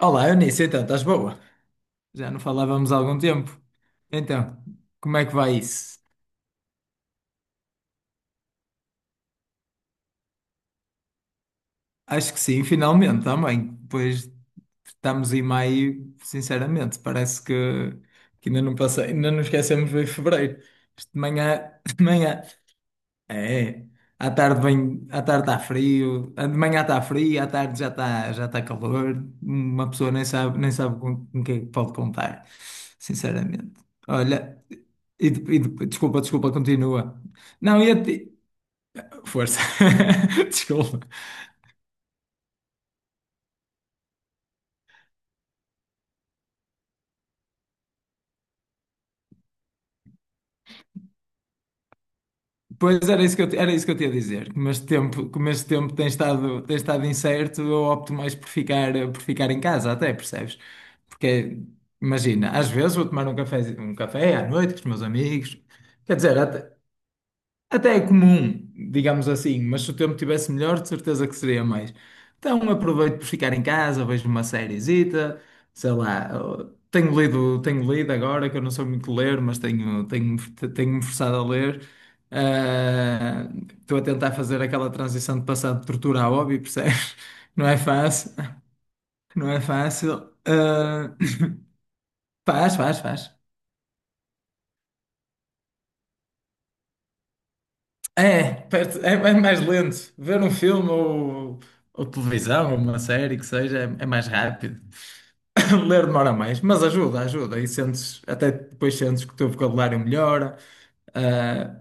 Olá, Eunice, então, estás boa? Já não falávamos há algum tempo. Então, como é que vai isso? Acho que sim, finalmente também. Pois estamos em maio, sinceramente, parece que, ainda não esquecemos de fevereiro. Isto de manhã, de manhã. É. À tarde vem, à tarde está frio, de manhã está frio, à tarde já está calor. Uma pessoa nem sabe com quem é que pode contar, sinceramente. Olha, desculpa, desculpa, continua. Não. Força. Desculpa. Pois era isso que eu tinha a dizer. Como este tempo tem estado incerto, eu opto mais por ficar em casa, até, percebes? Porque, imagina, às vezes vou tomar um café à noite com os meus amigos. Quer dizer, até é comum, digamos assim, mas se o tempo tivesse melhor, de certeza que seria mais. Então aproveito por ficar em casa, vejo uma sériezita, sei lá, tenho lido agora, que eu não sou muito ler, mas tenho-me forçado a ler. Ah, estou a tentar fazer aquela transição de passar de tortura a hobby, percebes? Não é fácil, não é fácil. Ah, faz, faz, faz. É, é mais lento. Ver um filme ou televisão, ou uma série que seja, é mais rápido. Ler demora mais, mas ajuda, ajuda. E sentes, até depois sentes que o teu vocabulário melhora, ah,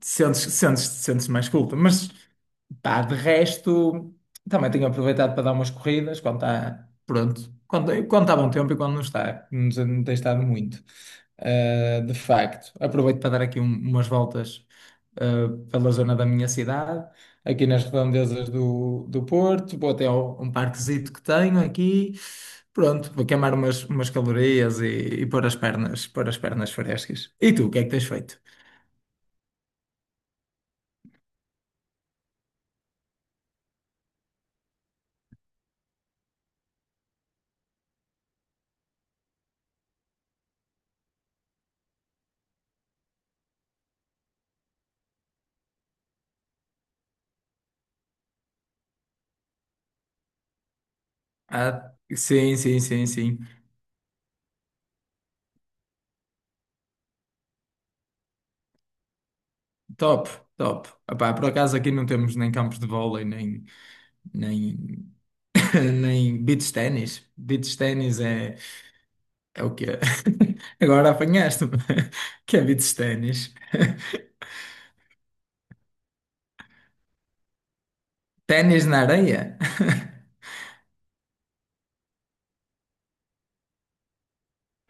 sentes mais culto. Mas, pá, de resto, também tenho aproveitado para dar umas corridas quando está, pronto, quando está bom tempo e quando não está, não tem estado muito. De facto, aproveito para dar aqui umas voltas pela zona da minha cidade, aqui nas redondezas do Porto, vou até ao, um parquezito que tenho aqui, pronto, vou queimar umas calorias e pôr as pernas frescas. E tu, o que é que tens feito? Ah, sim, sim, sim, sim. Top, top. Epá, por acaso aqui não temos nem campos de vôlei, nem, nem, nem beach ténis. Beach ténis é o quê? Agora apanhaste-me. Que é beach ténis? Ténis na areia?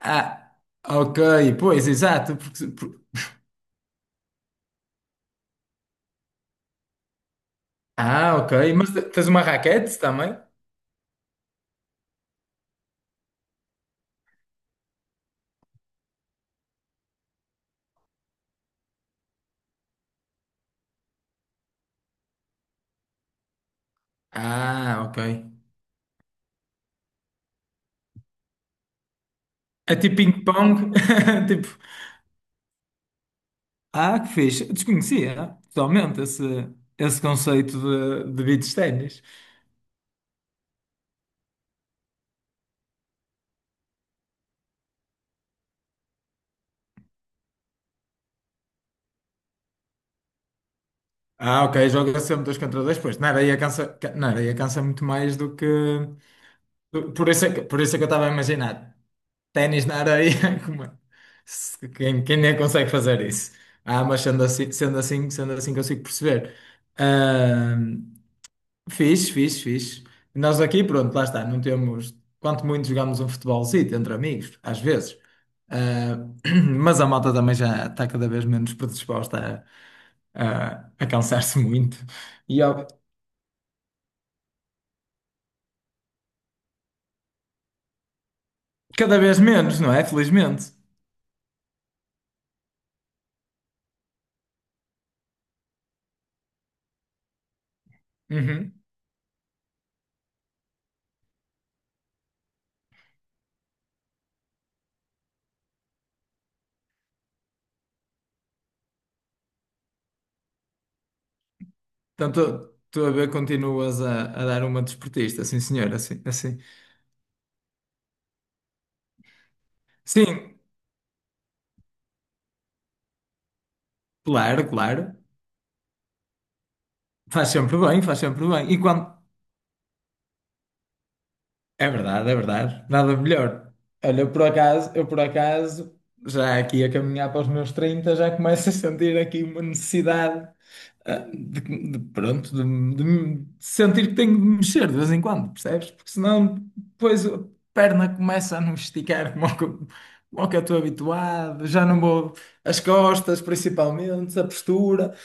Ah, ok, pois, exato. Ah, ok. Mas tens uma raquete também? Ah, ok. É tipo ping-pong? Tipo. Ah, que fixe. Eu desconhecia totalmente esse conceito de beach ténis. Ah, ok, joga sempre dois contra dois, pois. Na areia cansa muito mais do que. Por isso é que eu estava a imaginar. Ténis na areia, como é? Quem nem consegue fazer isso? Ah, mas sendo assim consigo perceber. Fiz, fiz, fiz. Nós aqui, pronto, lá está, não temos. Quanto muito jogamos um futebolzito entre amigos, às vezes. Ah, mas a malta também já está cada vez menos predisposta a cansar-se muito. E ao- Cada vez menos, não é? Felizmente. Uhum. Então, tu a ver, continuas a dar uma desportista, sim, senhor, assim, assim. Sim, claro, claro. Faz sempre bem, faz sempre bem. E quando. É verdade, é verdade. Nada melhor. Olha, eu por acaso, já aqui a caminhar para os meus 30 já começo a sentir aqui uma necessidade, ah, de, pronto, de sentir que tenho de mexer de vez em quando, percebes? Porque senão depois a perna começa a não esticar como é que eu como é que eu estou habituado, já não vou. As costas, principalmente, a postura.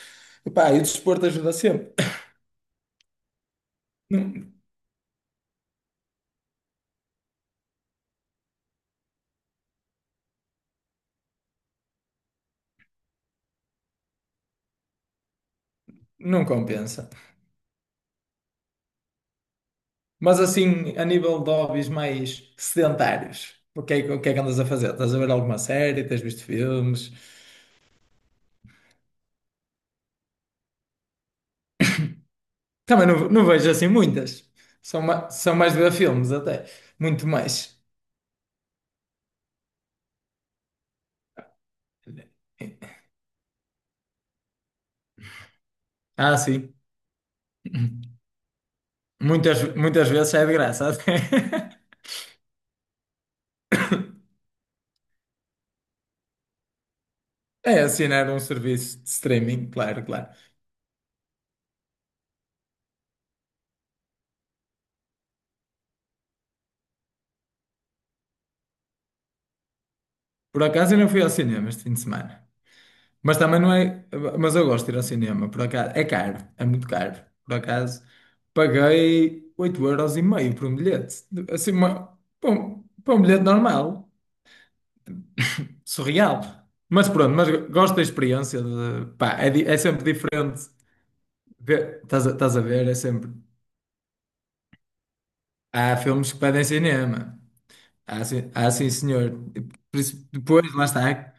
Epá, e o desporto ajuda sempre. Não, não compensa. Mas assim, a nível de hobbies mais sedentários, o que é que andas a fazer? Estás a ver alguma série? Tens visto filmes? Também não, não vejo assim muitas. São mais de ver filmes até. Muito mais. Ah, sim. Muitas, muitas vezes é de graça até. É assinar um serviço de streaming, claro, claro. Por acaso eu não fui ao cinema este fim de semana. Mas também não é. Mas eu gosto de ir ao cinema, por acaso. É caro, é muito caro. Por acaso, paguei 8,50 € por um bilhete. Assim, para um bilhete normal. Surreal. Mas pronto, mas gosto da experiência. É é sempre diferente. Estás a ver? É sempre. Há filmes que pedem cinema. Há sim, senhor. E por isso, depois, lá está.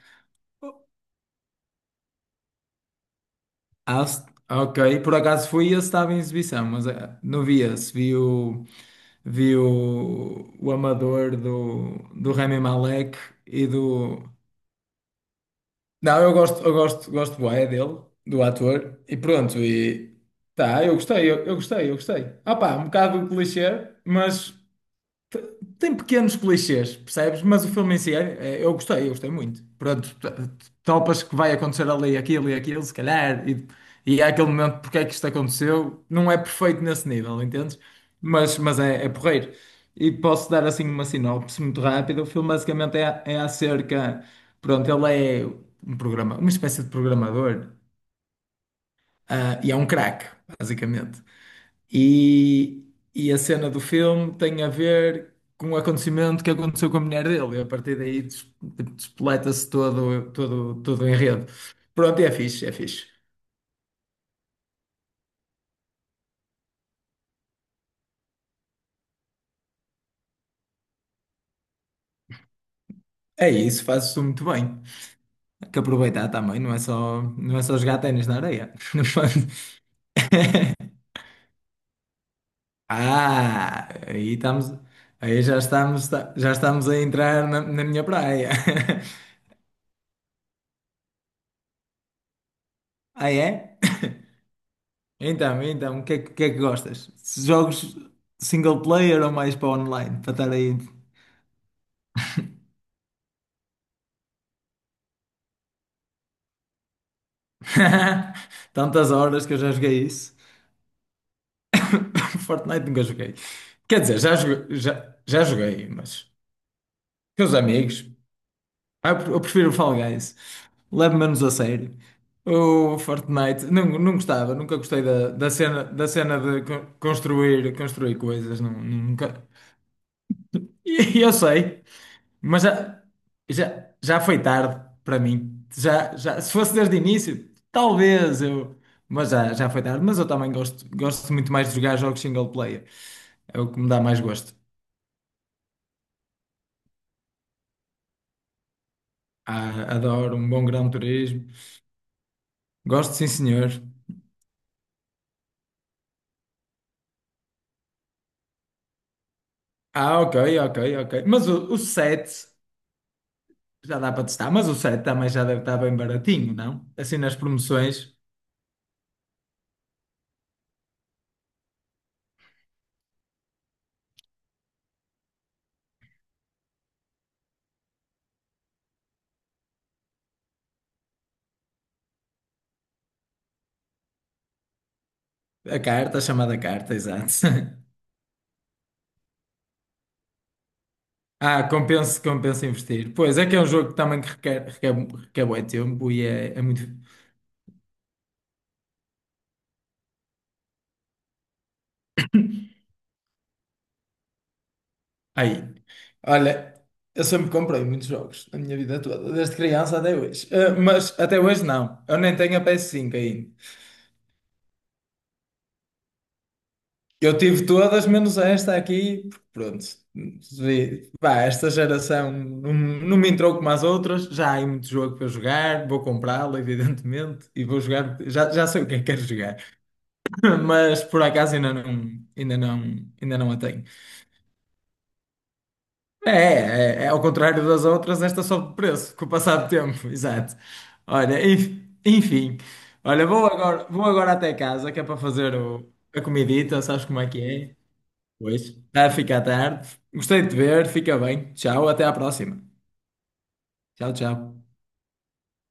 Ok, por acaso fui e ele estava em exibição, mas não vi esse. Vi o Amador do Rami Malek e do. Não, gosto bué dele, do ator, e pronto, e tá, eu gostei, eu gostei, eu gostei. Ah pá, um bocado clichê, mas tem pequenos clichês, percebes? Mas o filme em si, eu gostei muito. Pronto, topas que vai acontecer ali aquilo e aquilo, se calhar, e é aquele momento porque é que isto aconteceu. Não é perfeito nesse nível, entendes? Mas é porreiro. E posso dar assim uma sinopse muito rápida. O filme basicamente é acerca. Pronto, ele é um programa, uma espécie de programador, e é um craque, basicamente. E, e a cena do filme tem a ver com o acontecimento que aconteceu com a mulher dele. E a partir daí tipo, despoleta-se todo, todo, todo o enredo. Pronto, e é fixe, é fixe. É isso, fazes tu muito bem. Há que aproveitar também, não é só, não é só jogar ténis na areia. No fundo. Ah, aí estamos, aí já estamos a entrar na minha praia. Ah, é? Então, o que é que gostas? Jogos single player ou mais para online? Para estar aí tantas horas que eu já joguei isso. Fortnite nunca joguei. Quer dizer, já joguei, já joguei, mas com os amigos. Ah, eu prefiro o Fall Guys. Leve-me menos a sério. O Fortnite, não, não gostava, nunca gostei da cena, da cena, de construir coisas. Não, nunca. E eu sei. Mas já foi tarde para mim. Já, se fosse desde o início, talvez eu. Mas já foi tarde. Mas eu também gosto muito mais de jogar jogos single player. É o que me dá mais gosto. Ah, adoro um bom Gran Turismo. Gosto, sim, senhor. Ah, ok, ok, ok. Mas o 7 já dá para testar. Mas o 7 também já deve estar bem baratinho, não? Assim nas promoções. A carta, a chamada carta, exato. Ah, compensa, compensa investir. Pois, é que é um jogo que também que requer, requer, requer bué tempo e é muito. Aí, olha, eu sempre comprei muitos jogos na minha vida toda, desde criança até hoje. Ah, mas até hoje não, eu nem tenho a PS5 ainda. Eu tive todas, menos esta aqui, porque pronto. Pá, esta geração não, não me entrou como as outras, já há aí muito jogo para eu jogar, vou comprá-lo, evidentemente, e vou jogar, já sei o que é que quero jogar. mas por acaso ainda não, ainda não a tenho. É ao contrário das outras, esta sobe de preço com o passar do tempo, exato. Olha, enfim, olha, vou agora até casa que é para fazer a comidita, sabes como é que é? Pois. Está a ficar tarde. Gostei de te ver, fica bem. Tchau, até à próxima. Tchau, tchau.